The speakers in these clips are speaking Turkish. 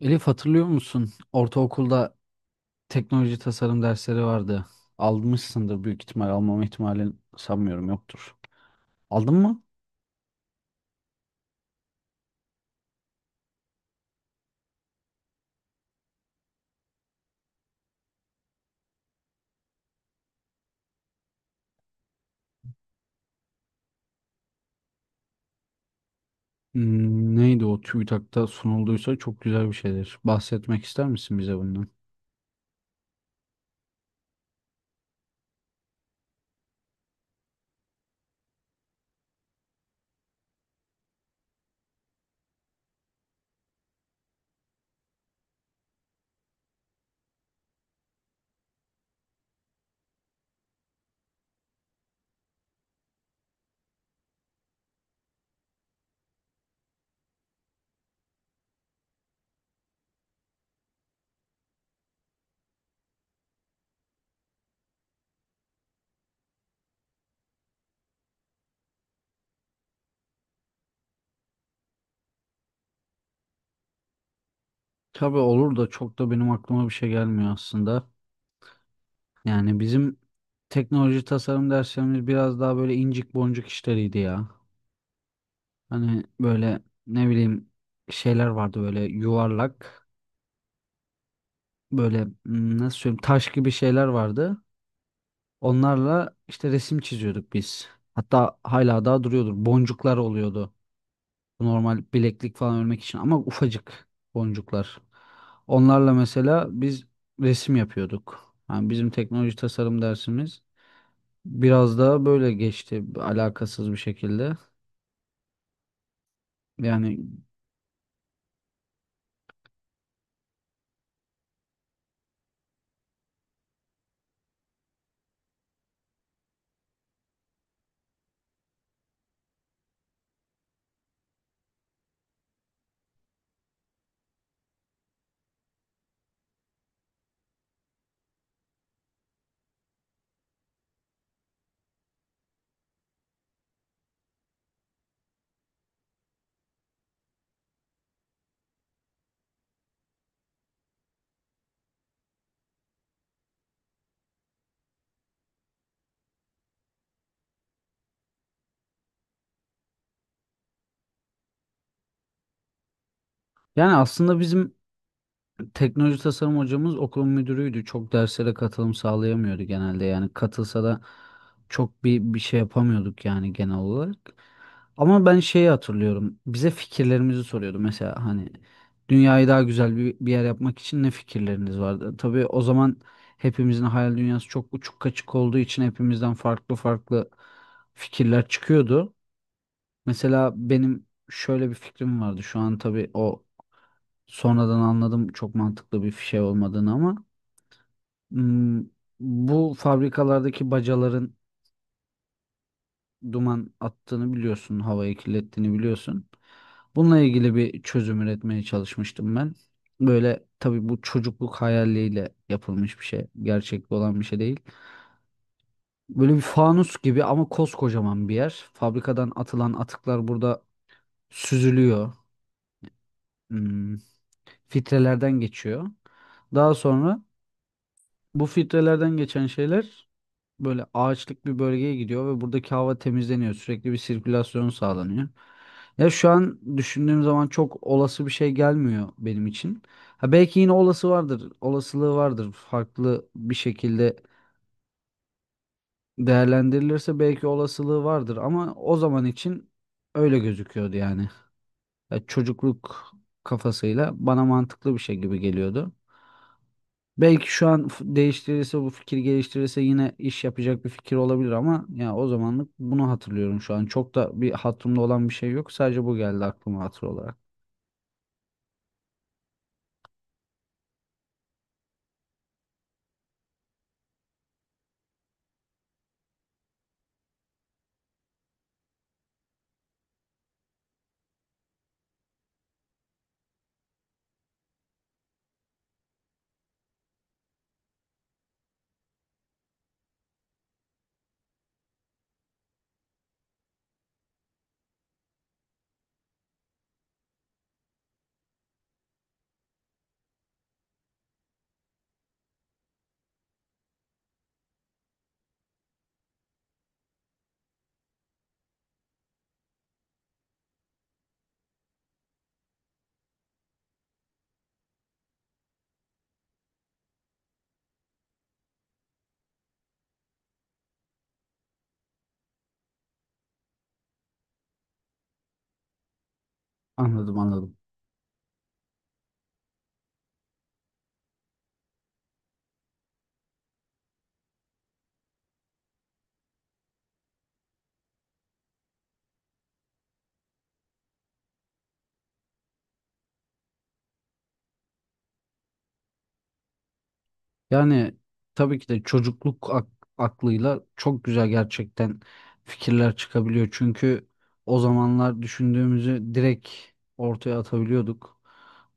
Elif, hatırlıyor musun? Ortaokulda teknoloji tasarım dersleri vardı. Almışsındır büyük ihtimal. Almama ihtimalin, sanmıyorum, yoktur. Aldın mı? Neydi o? TÜBİTAK'ta sunulduysa çok güzel bir şeydir. Bahsetmek ister misin bize bundan? Tabii olur da çok da benim aklıma bir şey gelmiyor aslında. Yani bizim teknoloji tasarım derslerimiz biraz daha böyle incik boncuk işleriydi ya. Hani böyle, ne bileyim, şeyler vardı böyle yuvarlak, böyle, nasıl söyleyeyim, taş gibi şeyler vardı. Onlarla işte resim çiziyorduk biz. Hatta hala daha duruyordur. Boncuklar oluyordu. Normal bileklik falan örmek için ama ufacık boncuklar. Onlarla mesela biz resim yapıyorduk. Yani bizim teknoloji tasarım dersimiz biraz daha böyle geçti, alakasız bir şekilde. Yani aslında bizim teknoloji tasarım hocamız okul müdürüydü. Çok derslere katılım sağlayamıyordu genelde. Yani katılsa da çok bir şey yapamıyorduk yani, genel olarak. Ama ben şeyi hatırlıyorum. Bize fikirlerimizi soruyordu. Mesela hani, dünyayı daha güzel bir yer yapmak için ne fikirleriniz vardı? Tabii o zaman hepimizin hayal dünyası çok uçuk kaçık olduğu için hepimizden farklı farklı fikirler çıkıyordu. Mesela benim şöyle bir fikrim vardı. Şu an tabii sonradan anladım çok mantıklı bir şey olmadığını ama hmm, bu fabrikalardaki bacaların duman attığını biliyorsun, havayı kirlettiğini biliyorsun. Bununla ilgili bir çözüm üretmeye çalışmıştım ben. Böyle, tabii, bu çocukluk hayaliyle yapılmış bir şey, gerçekte olan bir şey değil. Böyle bir fanus gibi ama koskocaman bir yer. Fabrikadan atılan atıklar burada süzülüyor, hmm, filtrelerden geçiyor. Daha sonra bu filtrelerden geçen şeyler böyle ağaçlık bir bölgeye gidiyor ve buradaki hava temizleniyor. Sürekli bir sirkülasyon sağlanıyor. Ya şu an düşündüğüm zaman çok olası bir şey gelmiyor benim için. Ha, belki yine olası vardır, olasılığı vardır. Farklı bir şekilde değerlendirilirse belki olasılığı vardır ama o zaman için öyle gözüküyordu yani. Ya, çocukluk kafasıyla bana mantıklı bir şey gibi geliyordu. Belki şu an değiştirirse bu fikir, geliştirirse, yine iş yapacak bir fikir olabilir ama ya, o zamanlık bunu hatırlıyorum şu an. Çok da bir hatırımda olan bir şey yok. Sadece bu geldi aklıma hatır olarak. Anladım, anladım. Yani tabii ki de çocukluk aklıyla çok güzel gerçekten fikirler çıkabiliyor. Çünkü o zamanlar düşündüğümüzü direkt ortaya atabiliyorduk.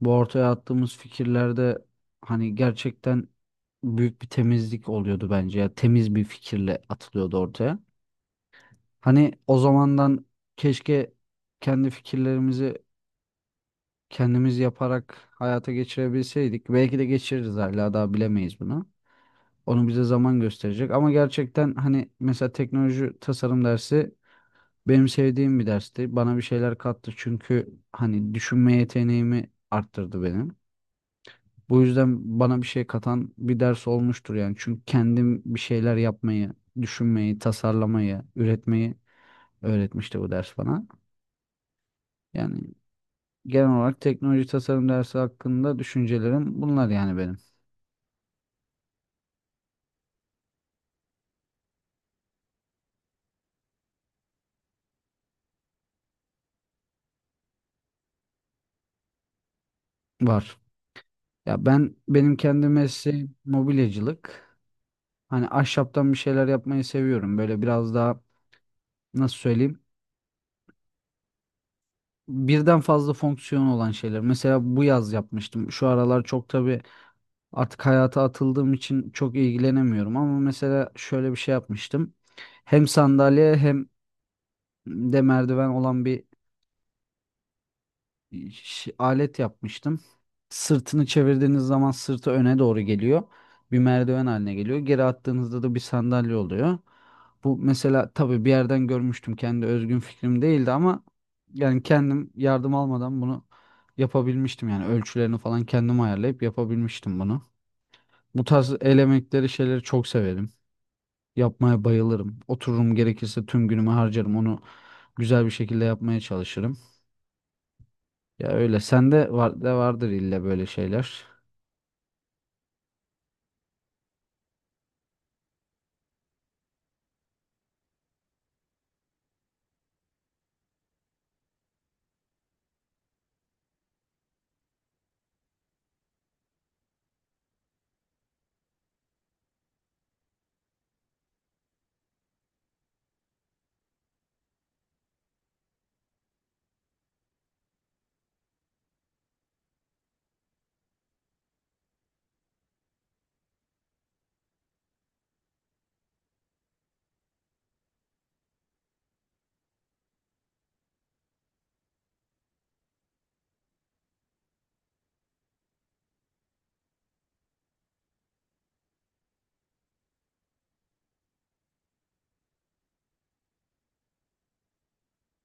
Bu ortaya attığımız fikirlerde hani gerçekten büyük bir temizlik oluyordu bence. Ya, temiz bir fikirle atılıyordu ortaya. Hani o zamandan keşke kendi fikirlerimizi kendimiz yaparak hayata geçirebilseydik. Belki de geçiririz, hala daha bilemeyiz bunu. Onu bize zaman gösterecek. Ama gerçekten hani mesela teknoloji tasarım dersi benim sevdiğim bir dersti. Bana bir şeyler kattı çünkü hani düşünme yeteneğimi arttırdı benim. Bu yüzden bana bir şey katan bir ders olmuştur yani. Çünkü kendim bir şeyler yapmayı, düşünmeyi, tasarlamayı, üretmeyi öğretmişti bu ders bana. Yani genel olarak teknoloji tasarım dersi hakkında düşüncelerim bunlar yani benim. Var. Ya ben, benim kendi mesleğim mobilyacılık. Hani ahşaptan bir şeyler yapmayı seviyorum. Böyle biraz daha, nasıl söyleyeyim, birden fazla fonksiyon olan şeyler. Mesela bu yaz yapmıştım. Şu aralar çok tabii artık hayata atıldığım için çok ilgilenemiyorum. Ama mesela şöyle bir şey yapmıştım. Hem sandalye hem de merdiven olan bir alet yapmıştım. Sırtını çevirdiğiniz zaman sırtı öne doğru geliyor. Bir merdiven haline geliyor. Geri attığınızda da bir sandalye oluyor. Bu mesela tabii bir yerden görmüştüm. Kendi özgün fikrim değildi ama yani kendim, yardım almadan, bunu yapabilmiştim. Yani ölçülerini falan kendim ayarlayıp yapabilmiştim bunu. Bu tarz el emekleri şeyleri çok severim. Yapmaya bayılırım. Otururum, gerekirse tüm günümü harcarım. Onu güzel bir şekilde yapmaya çalışırım. Ya, öyle. Sende var de, vardır illa böyle şeyler.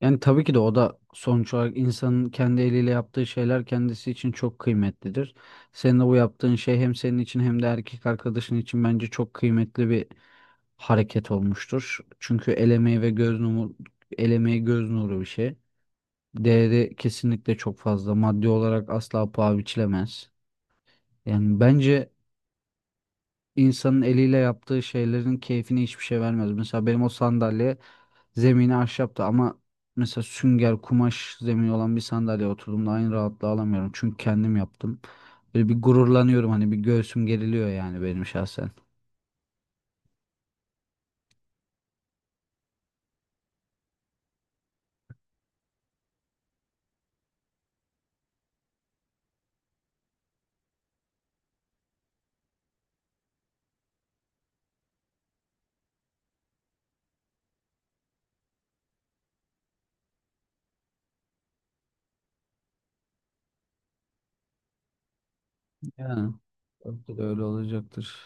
Yani tabii ki de o da sonuç olarak insanın kendi eliyle yaptığı şeyler kendisi için çok kıymetlidir. Senin de bu yaptığın şey hem senin için hem de erkek arkadaşın için bence çok kıymetli bir hareket olmuştur. Çünkü el emeği ve göz nuru, el emeği göz nuru bir şey. Değeri kesinlikle çok fazla. Maddi olarak asla paha biçilemez. Yani bence insanın eliyle yaptığı şeylerin keyfini hiçbir şey vermez. Mesela benim o sandalye zemini ahşaptı ama mesela sünger, kumaş zemini olan bir sandalyeye oturduğumda aynı rahatlığı alamıyorum. Çünkü kendim yaptım. Böyle bir gururlanıyorum hani, bir göğsüm geriliyor yani, benim şahsen. Yani belki de öyle olacaktır.